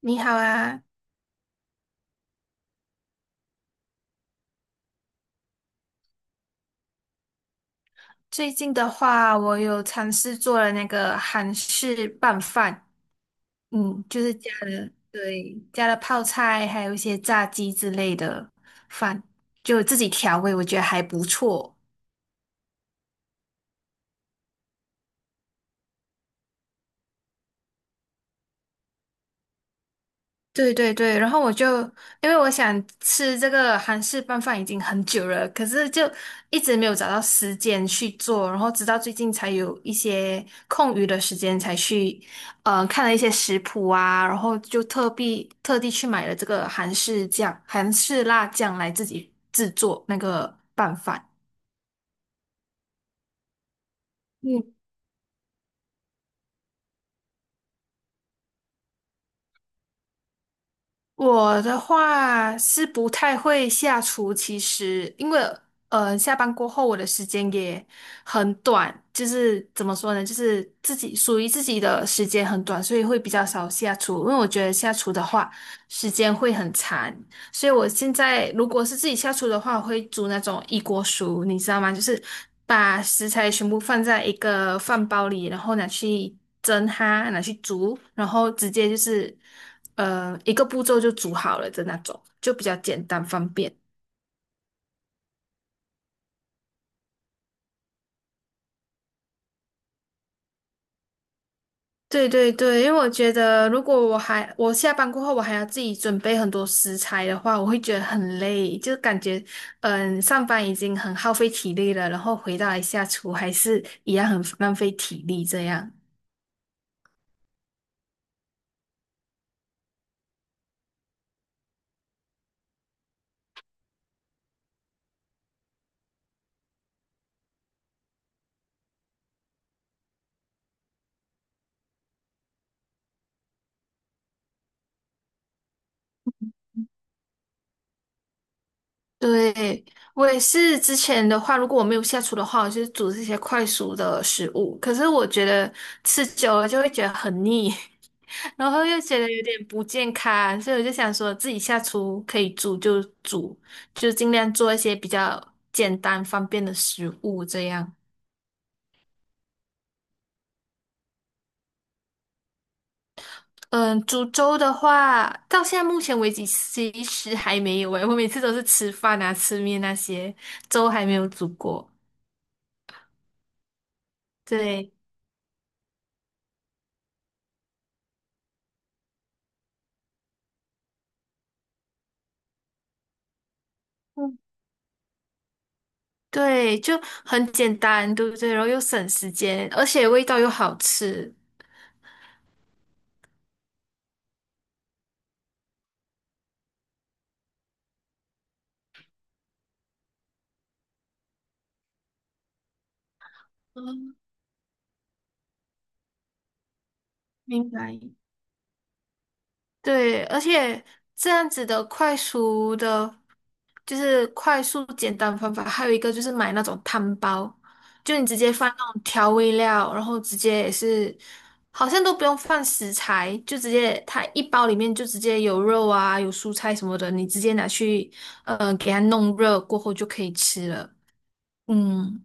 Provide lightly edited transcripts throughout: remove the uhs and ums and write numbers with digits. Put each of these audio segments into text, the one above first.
你好啊。最近的话，我有尝试做了那个韩式拌饭，就是加了，对，加了泡菜，还有一些炸鸡之类的饭，就自己调味，我觉得还不错。对对对，然后我就因为我想吃这个韩式拌饭已经很久了，可是就一直没有找到时间去做，然后直到最近才有一些空余的时间才去，看了一些食谱啊，然后就特地去买了这个韩式酱、韩式辣酱来自己制作那个拌饭。嗯。我的话是不太会下厨，其实因为下班过后我的时间也很短，就是怎么说呢，就是自己属于自己的时间很短，所以会比较少下厨，因为我觉得下厨的话时间会很长。所以我现在如果是自己下厨的话，我会煮那种一锅熟，你知道吗？就是把食材全部放在一个饭包里，然后拿去蒸它，拿去煮，然后直接就是一个步骤就煮好了的那种，就比较简单方便。对对对，因为我觉得如果我下班过后我还要自己准备很多食材的话，我会觉得很累，就感觉上班已经很耗费体力了，然后回到来下厨还是一样很浪费体力这样。对，我也是之前的话，如果我没有下厨的话，我就是煮这些快熟的食物。可是我觉得吃久了就会觉得很腻，然后又觉得有点不健康，所以我就想说自己下厨可以煮就煮，就尽量做一些比较简单方便的食物这样。嗯，煮粥的话，到现在目前为止其实还没有诶，我每次都是吃饭啊、吃面那些，粥还没有煮过。对。对，就很简单，对不对？然后又省时间，而且味道又好吃。嗯，明白。对，而且这样子的快速的，就是快速简单方法，还有一个就是买那种汤包，就你直接放那种调味料，然后直接也是，好像都不用放食材，就直接它一包里面就直接有肉啊，有蔬菜什么的，你直接拿去，呃，给它弄热过后就可以吃了。嗯。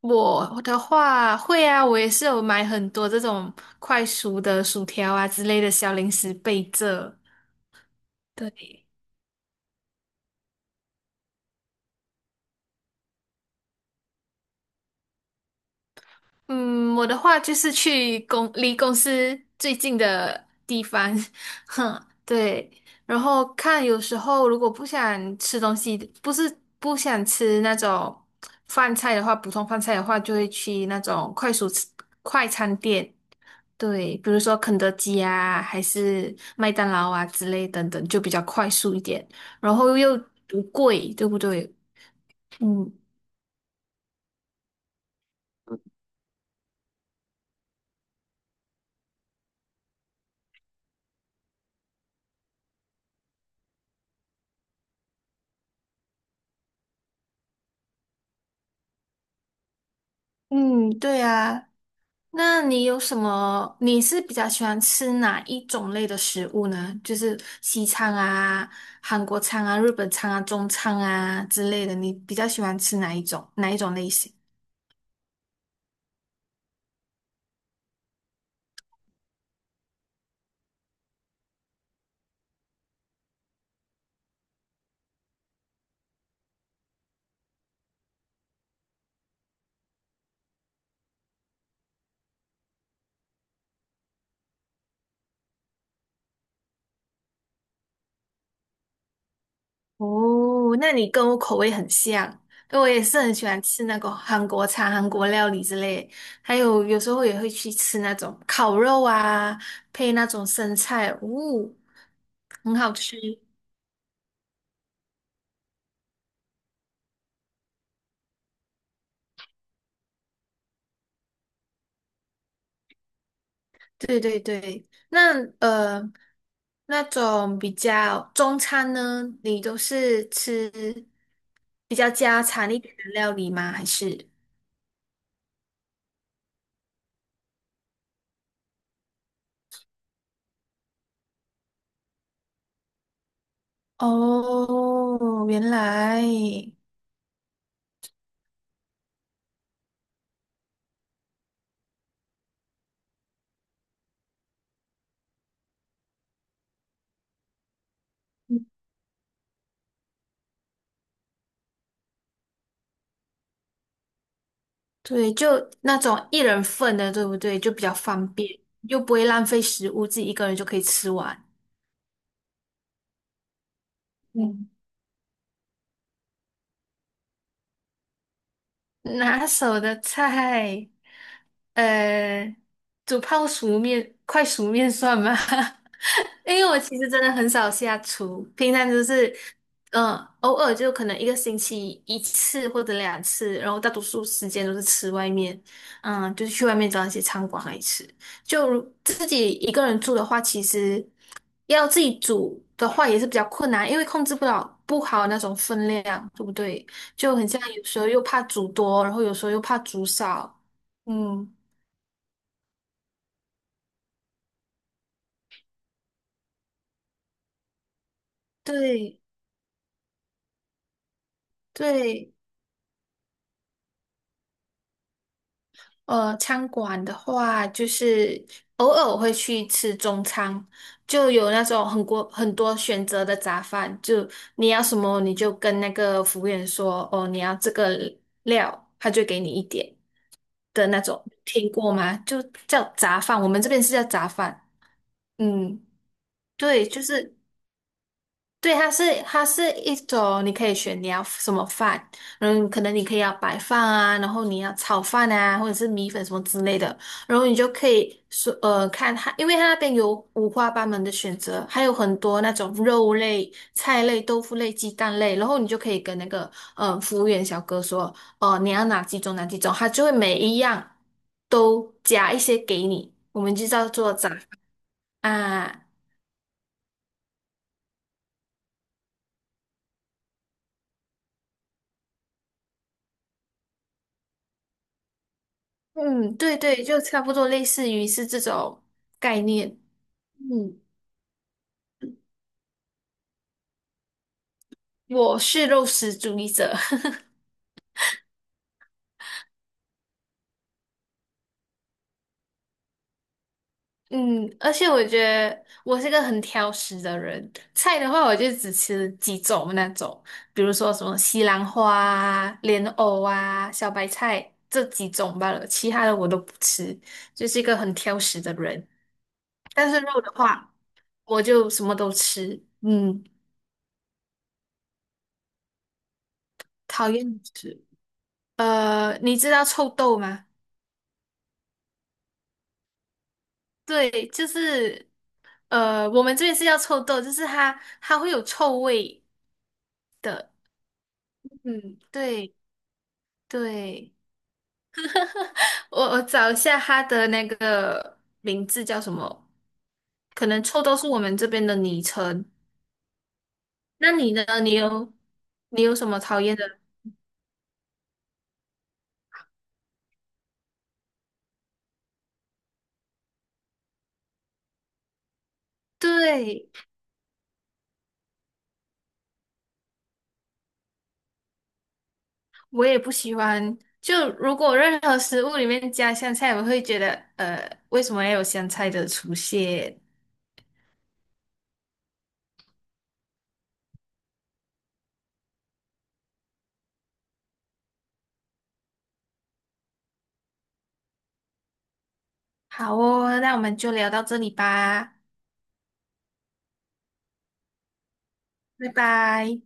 我的话会啊，我也是有买很多这种快熟的薯条啊之类的小零食备着。对。嗯，我的话就是去公司最近的地方，哼，对。然后看有时候如果不想吃东西，不是不想吃那种饭菜的话，普通饭菜的话，就会去那种快速吃快餐店，对，比如说肯德基啊，还是麦当劳啊之类等等，就比较快速一点，然后又不贵，对不对？嗯嗯，对啊。那你有什么？你是比较喜欢吃哪一种类的食物呢？就是西餐啊、韩国餐啊、日本餐啊、中餐啊之类的，你比较喜欢吃哪一种？哪一种类型？哦，那你跟我口味很像，因为我也是很喜欢吃那个韩国餐、韩国料理之类，还有有时候也会去吃那种烤肉啊，配那种生菜，很好吃。对对对，那那种比较中餐呢，你都是吃比较家常一点的料理吗？还是？哦，原来，对，就那种一人份的，对不对？就比较方便，又不会浪费食物，自己一个人就可以吃完。嗯。拿手的菜，呃，煮泡熟面、快熟面算吗？因为我其实真的很少下厨，平常就是，嗯、偶尔就可能一个星期一次或者两次，然后大多数时间都是吃外面，嗯，就是去外面找一些餐馆来吃。就如自己一个人住的话，其实要自己煮的话也是比较困难，因为控制不好那种分量，对不对？就很像有时候又怕煮多，然后有时候又怕煮少。嗯对对，餐馆的话，就是偶尔我会去吃中餐，就有那种很多很多选择的杂饭，就你要什么你就跟那个服务员说，哦，你要这个料，他就给你一点的那种，听过吗？就叫杂饭，我们这边是叫杂饭。嗯对，就是对，它是一种，你可以选你要什么饭，嗯，可能你可以要白饭啊，然后你要炒饭啊，或者是米粉什么之类的，然后你就可以说看它，因为它那边有五花八门的选择，还有很多那种肉类、菜类、豆腐类、鸡蛋类，然后你就可以跟那个服务员小哥说，哦、你要哪几种，他就会每一样都加一些给你，我们就叫做杂啊。嗯，对对，就差不多类似于是这种概念。嗯，我是肉食主义者。嗯，而且我觉得我是个很挑食的人，菜的话我就只吃几种那种，比如说什么西兰花啊、莲藕啊、小白菜这几种罢了，其他的我都不吃，就是一个很挑食的人。但是肉的话，我就什么都吃，嗯，讨厌吃。你知道臭豆吗？对，就是我们这边是叫臭豆，就是它会有臭味的。嗯，对对，我找一下它的那个名字叫什么？可能臭豆是我们这边的昵称。那你呢？你有什么讨厌的？对，我也不喜欢。就如果任何食物里面加香菜，我会觉得为什么要有香菜的出现？好哦，那我们就聊到这里吧，拜拜。